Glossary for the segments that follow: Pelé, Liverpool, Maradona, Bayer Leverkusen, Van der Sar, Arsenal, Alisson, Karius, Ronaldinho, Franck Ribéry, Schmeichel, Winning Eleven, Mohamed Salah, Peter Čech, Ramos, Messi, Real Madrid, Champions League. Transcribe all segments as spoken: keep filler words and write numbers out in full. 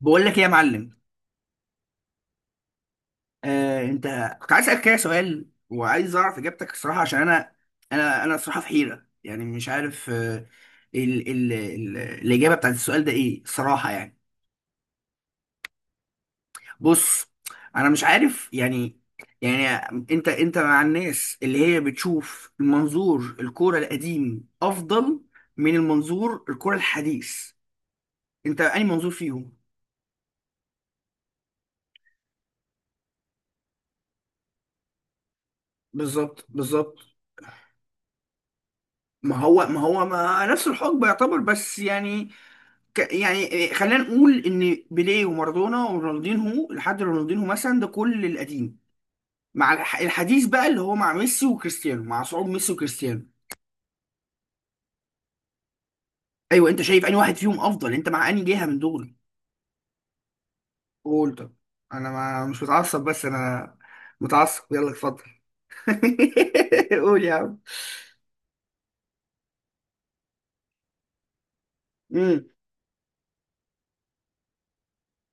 بقول لك ايه يا معلم؟ آه انت، كنت عايز اسالك كده سؤال وعايز اعرف اجابتك الصراحه عشان انا، انا انا الصراحه في حيره، يعني مش عارف آه ال ال ال الاجابه بتاعت السؤال ده ايه الصراحه يعني. بص، انا مش عارف يعني. يعني انت انت مع الناس اللي هي بتشوف المنظور الكوره القديم افضل من المنظور الكوره الحديث، انت اي منظور فيهم؟ بالظبط بالظبط. ما هو ما هو ما نفس الحقبه يعتبر بس يعني ك- يعني آه، خلينا نقول ان بيليه ومارادونا ورونالدينهو لحد رونالدينهو مثلا ده كل القديم، مع الح- الحديث بقى اللي هو مع ميسي وكريستيانو، مع صعود ميسي وكريستيانو. ايوه، انت شايف انهي واحد فيهم افضل؟ انت مع انهي جهه من دول؟ قول. طب انا ما مش متعصب بس انا متعصب، يلا اتفضل. قول يا عم. امم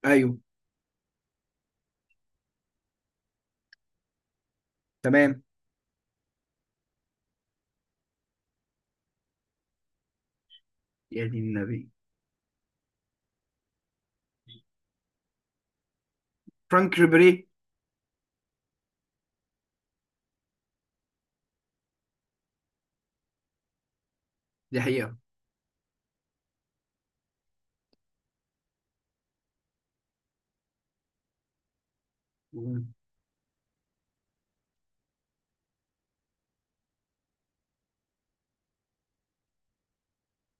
ايوه، تمام، يا دين النبي، فرانك ريبيري، دي حقيقه. مم.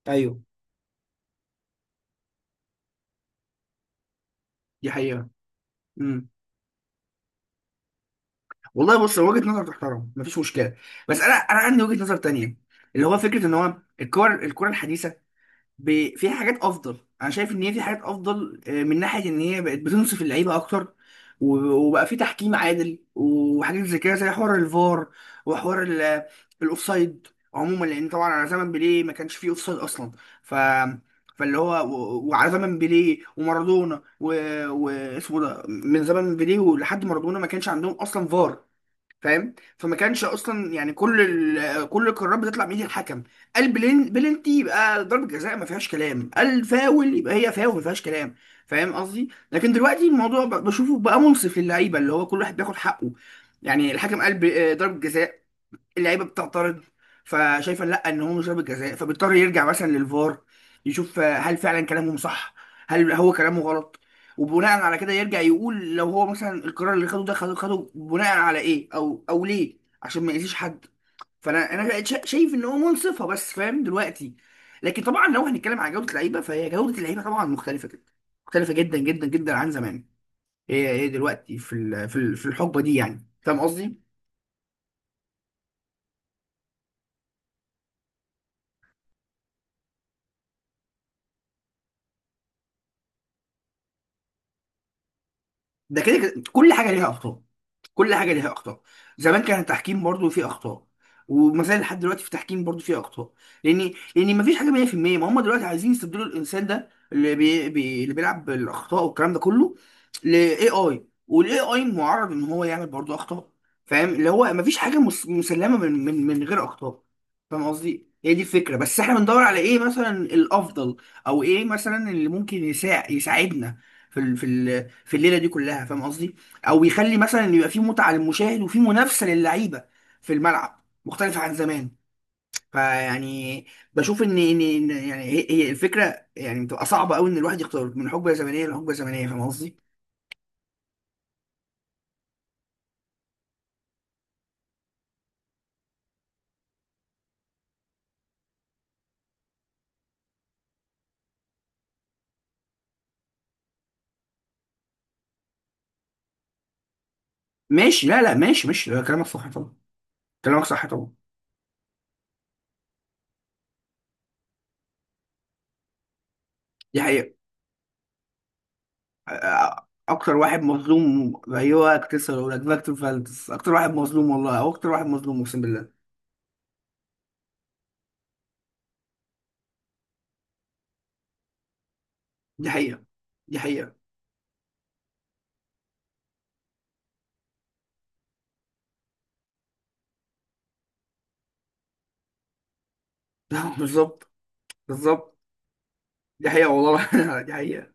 ايوه، دي حقيقه والله. بص، هو وجهه نظر تحترم مفيش مشكله، بس انا انا عندي وجهه نظر تانية، اللي هو فكره ان هو الكره الكره الحديثه ب... فيها حاجات افضل. انا شايف ان هي في حاجات افضل آه، من ناحيه ان هي بقت بتنصف اللعيبه اكتر، و- وبقى في تحكيم عادل وحاجات زي كده، زي حوار الفار وحوار ال- الاوفسايد عموما، لان طبعا على زمن بيليه ما كانش فيه اوفسايد اصلا. ف فاللي هو و- وعلى زمن بيليه ومارادونا و... واسمه ده، من زمن بيليه ولحد مارادونا ما كانش عندهم اصلا فار، فاهم؟ فما كانش اصلا يعني كل ال... كل القرارات بتطلع من ايد الحكم. قال بلين... بلنتي يبقى ضربة جزاء ما فيهاش كلام، قال فاول يبقى هي فاول ما فيهاش كلام، فاهم قصدي؟ لكن دلوقتي الموضوع ب... بشوفه بقى منصف للعيبه، اللي هو كل واحد بياخد حقه. يعني الحكم قال ب... آه، ضربة جزاء، اللعيبه بتعترض فشايفه لا، ان هو مش ضربه جزاء، فبيضطر يرجع مثلا للفار يشوف آه، هل فعلا كلامهم صح، هل هو كلامه غلط، وبناء على كده يرجع يقول لو هو مثلا القرار اللي خده ده خده خده بناء على ايه، او او ليه، عشان ما يأذيش حد. فانا انا بقيت شا- شايف ان هو منصفه بس، فاهم دلوقتي؟ لكن طبعا لو هنتكلم على جوده اللعيبه، فهي جوده اللعيبه طبعا مختلفه جدا، مختلفه جدا جدا جدا عن زمان. هي هي دلوقتي في ال- في ال- في الحقبه دي، يعني فاهم قصدي؟ ده كده كده كل حاجه ليها اخطاء، كل حاجه ليها اخطاء. زمان كان التحكيم برضو فيه اخطاء، وما زال لحد دلوقتي في التحكيم برضو فيه اخطاء، لان لان ما فيش حاجه مية بالمية. ما هم دلوقتي عايزين يستبدلوا الانسان ده اللي بي... بي... اللي بيلعب بالاخطاء والكلام ده كله، لاي اي، والاي اي معرض ان هو يعمل برضو اخطاء، فاهم؟ اللي هو ما فيش حاجه مس... مسلمه من... من من غير اخطاء، فاهم قصدي؟ هي دي الفكره، بس احنا بندور على ايه مثلا الافضل، او ايه مثلا اللي ممكن يساع... يساعدنا في ال... في ال... في الليله دي كلها، فاهم قصدي؟ او يخلي مثلا إن يبقى في متعه للمشاهد وفي منافسه للعيبه في الملعب مختلف عن زمان. فيعني بشوف ان ان إن يعني هي هي الفكره يعني بتبقى صعبه قوي، ان الواحد يختار من حقبه زمنيه لحقبه زمنيه، فاهم قصدي؟ ماشي، لا لا ماشي ماشي، لا، كلامك صح طبعا، كلامك صح طبعا، دي حقيقه. أ- اكتر واحد مظلوم، ايوه كنت لسه هقول لك، فاكتور فالدز اكتر واحد مظلوم والله، او اكتر واحد مظلوم اقسم بالله. دي حقيقه، دي حقيقه. بالظبط بالظبط، دي حقيقه والله. دي حقيقه.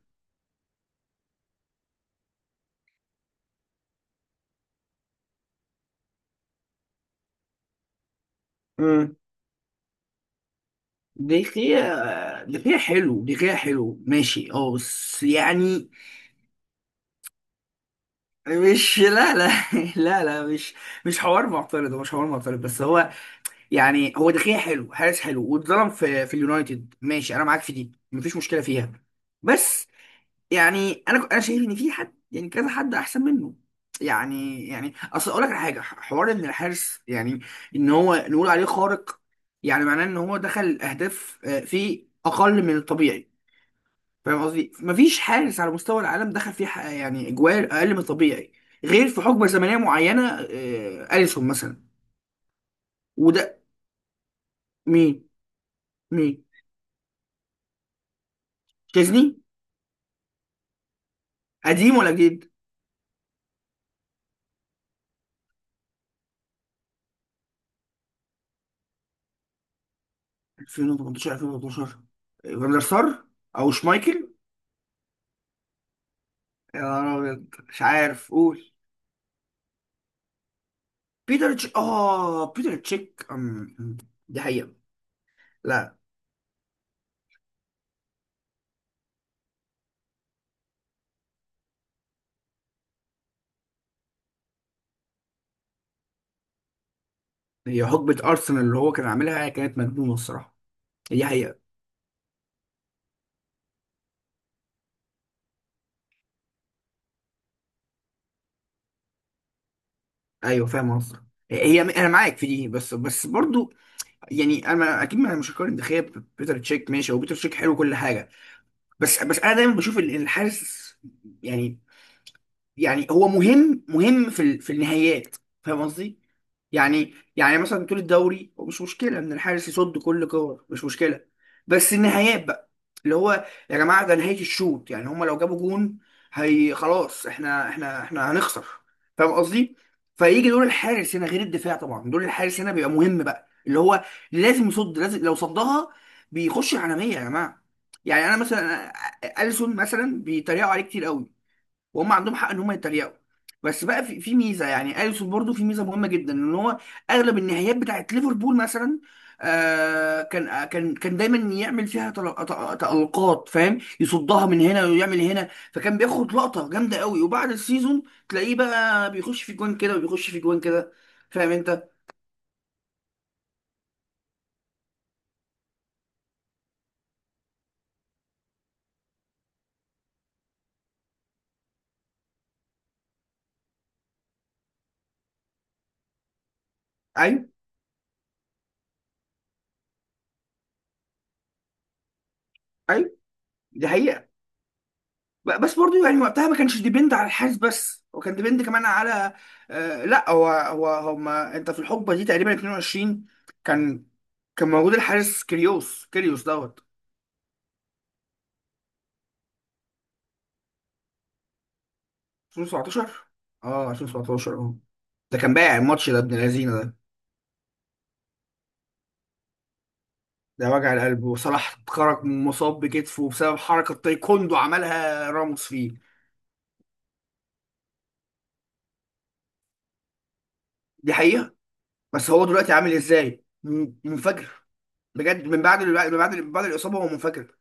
دخية، دخية حلو، دخية حلو ماشي، اه بس يعني. مش، لا لا، لا لا، مش، مش حوار معترض، هو مش حوار معترض، بس هو يعني، هو دخية حلو، حارس حلو، واتظلم في في اليونايتد، ماشي انا معاك في دي، مفيش مشكلة فيها. بس يعني انا انا شايف ان في حد يعني كذا حد احسن منه. يعني يعني اصل اقول لك على حاجة، حوار ان الحارس يعني، ان هو نقول عليه خارق، يعني معناه ان هو دخل اهداف آه، في اقل من الطبيعي. فاهم قصدي؟ مفيش حارس على مستوى العالم دخل فيه ح- يعني اجوال اقل من الطبيعي غير في حقبه زمنيه معينه، آه، اليسون مثلا. وده مين؟ مين؟ تشيزني؟ قديم ولا جديد؟ الفين وتمنتاشر، ألفين وثلاثة عشر؟ فاندر سار، او شمايكل؟ يا نهار أبيض. مش عارف، قول. بيتر تش... اه، بيتر تشيك، أم، أم. دي حقيقه. لا، هي حقبه ارسنال اللي هو كان عاملها كانت مجنونه الصراحه، دي حقيقه. ايوه فاهم قصدك، هي انا معاك في دي بس، بس برضو يعني انا اكيد ما- مش هقارن دخيا ببيتر تشيك، ماشي هو بيتر تشيك حلو كل حاجه. بس بس انا دايما بشوف ال- الحارس يعني، يعني هو مهم مهم في ال- في النهايات، فاهم قصدي؟ يعني يعني مثلا طول الدوري هو مش مشكله ان الحارس يصد كل كور، مش مشكله. بس النهايات بقى، اللي هو يا جماعه ده نهايه الشوط، يعني هما لو جابوا جون هي خلاص احنا احنا احنا هنخسر، فاهم قصدي؟ فيجي دور الحارس هنا غير الدفاع، طبعا دور الحارس هنا بيبقى مهم بقى، اللي هو لازم يصد، لازم، لو صدها بيخش العالميه يا جماعه. يعني انا مثلا أ- أ- اليسون مثلا بيتريقوا عليه كتير قوي، وهم عندهم حق ان هم يتريقوا. بس بقى في في ميزه، يعني اليسون برضو في ميزه مهمه جدا، ان هو اغلب النهايات بتاعت ليفربول مثلا، آه كان آه، كان كان دايما يعمل فيها تل- ت- تألقات، فاهم؟ يصدها من هنا ويعمل هنا، فكان بياخد لقطه جامده قوي. وبعد السيزون تلاقيه بقى بيخش في جوان كده وبيخش في جوان كده، فاهم انت؟ ايوه ايوه، دي حقيقه. ب- بس برضو يعني وقتها ما كانش ديبند على الحارس بس، هو كان ديبند كمان على، آه لا هو هو هما انت في الحقبه دي تقريبا اتنين وعشرين، كان كان موجود الحارس كيريوس، كيريوس دوت الفين وسبعتاشر. اه الفين وسبعتاشر، اه. ده كان بايع الماتش ده ابن اللذينه ده، ده وجع القلب. وصلاح اتخرج مصاب بكتفه بسبب حركه تايكوندو عملها راموس فيه، دي حقيقه. بس هو دلوقتي عامل ازاي! م- منفجر بجد. من بعد من بعد من بعد الاصابه هو منفجر.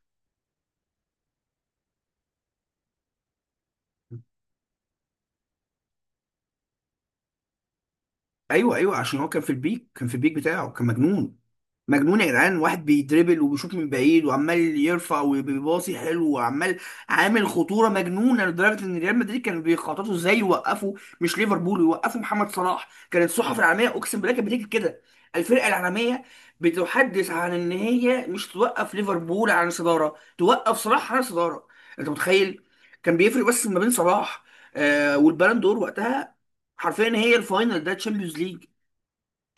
ايوه ايوه، عشان هو كان في البيك، كان في البيك بتاعه كان مجنون، مجنون يا جدعان. واحد بيدربل وبيشوط من بعيد وعمال يرفع، وبيباصي حلو وعمال، عامل خطوره مجنونه لدرجه ان ريال مدريد كانوا بيخططوا ازاي يوقفوا، مش ليفربول، يوقفوا محمد صلاح. كانت الصحف العالميه اقسم بالله كانت بتكتب كده، الفرقه العالميه بتحدث عن ان هي مش توقف ليفربول عن الصداره، توقف صلاح عن الصداره، انت متخيل؟ كان بيفرق بس ما بين صلاح آه والبالون دور وقتها حرفيا، هي الفاينل ده تشامبيونز ليج.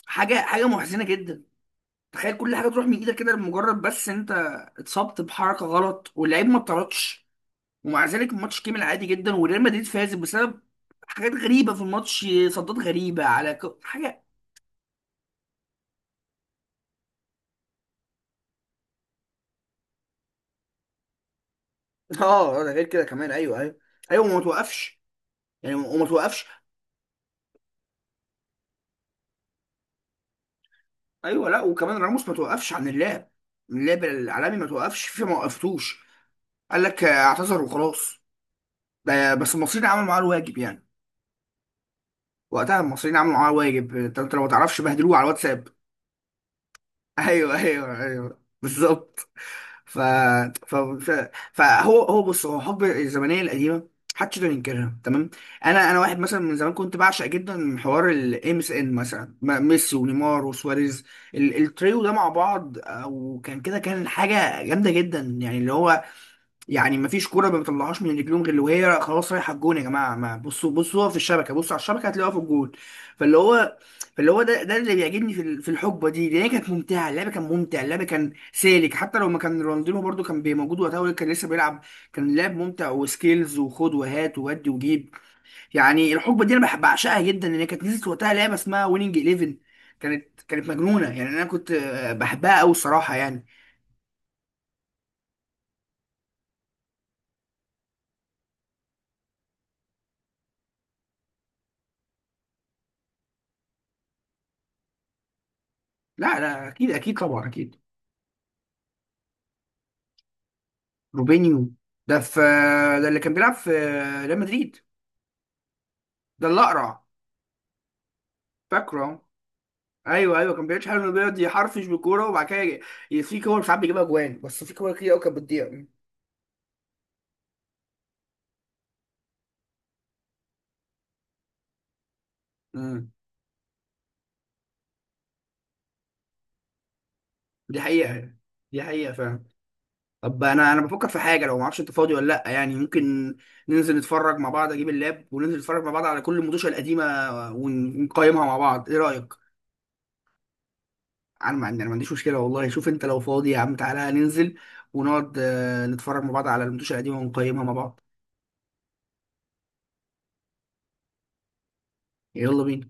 حاجه حاجه محزنه جدا، تخيل كل حاجه تروح من ايدك كده لمجرد بس انت اتصبت بحركه غلط، واللعيب ما اتطردش، ومع ذلك الماتش كمل عادي جدا، وريال مدريد فاز بسبب حاجات غريبه في الماتش، صدات غريبه على ك... حاجه. اه آه، ده غير كده كمان، ايوه ايوه ايوه. وما توقفش، يعني وما توقفش. ايوه، لا وكمان راموس ما توقفش عن اللعب، اللعب العالمي ما توقفش في ما وقفتوش. قال لك آه، اعتذر وخلاص. ده- بس المصريين عملوا معاه الواجب يعني، وقتها المصريين عملوا معاه الواجب. انت، أنت لو ما تعرفش، بهدلوه على الواتساب. ايوه ايوه ايوه، بالظبط. ف... ف... ف... فهو هو بص، هو حب الزمنيه القديمه محدش يقدر ينكرها، تمام. انا انا واحد مثلا من زمان كنت بعشق جدا حوار الام اس ان مثلا، م- ميسي ونيمار وسواريز، ال... التريو ده مع بعض، آه، وكان كده كان حاجه جامده جدا، يعني اللي هو يعني ما فيش كوره ما بيطلعوهاش من رجليهم غير وهي خلاص رايحه الجون يا جماعه. ما بصوا، بصوا في الشبكه، بصوا على الشبكه هتلاقوها في الجون. فاللي هو فاللي هو ده ده اللي بيعجبني في ال- في الحقبه دي، لان هي كانت ممتعه، اللعب كان ممتع، اللعب كان سالك، حتى لو ما كان رونالدينو برده كان بي- موجود وقتها، ولا كان لسه بيلعب، كان اللعب ممتع، وسكيلز، وخد وهات، وودي وجيب. يعني الحقبه دي انا بحب بعشقها جدا، لان هي كانت نزلت وقتها لعبه اسمها ويننج احداشر، كانت كانت مجنونه يعني، انا كنت آه، بحبها قوي الصراحه يعني. لا لا، اكيد اكيد طبعا، اكيد. روبينيو، ده في، ده اللي كان بيلعب في ريال مدريد. ده اللي اقرع، فاكره؟ ايوه ايوه، كان بيعيش حاله انه بيقعد يحرفش بالكوره وبعد كده ي- ي- في كور ساعات بيجيبها جوان، بس في كور كتير قوي كانت بتضيع. امم دي حقيقه، دي حقيقه فعلا. طب انا انا بفكر في حاجه لو ما اعرفش انت فاضي ولا لا، يعني ممكن ننزل نتفرج مع بعض، اجيب اللاب وننزل نتفرج مع بعض على كل المدوشه القديمه، ون- ونقيمها مع بعض، ايه رايك؟ انا ما عندي، انا ما عنديش مشكله والله. شوف انت لو فاضي يا عم تعالى ننزل ونقعد آه، نتفرج مع بعض على الماتشات القديمه ونقيمها مع بعض. يلا بينا.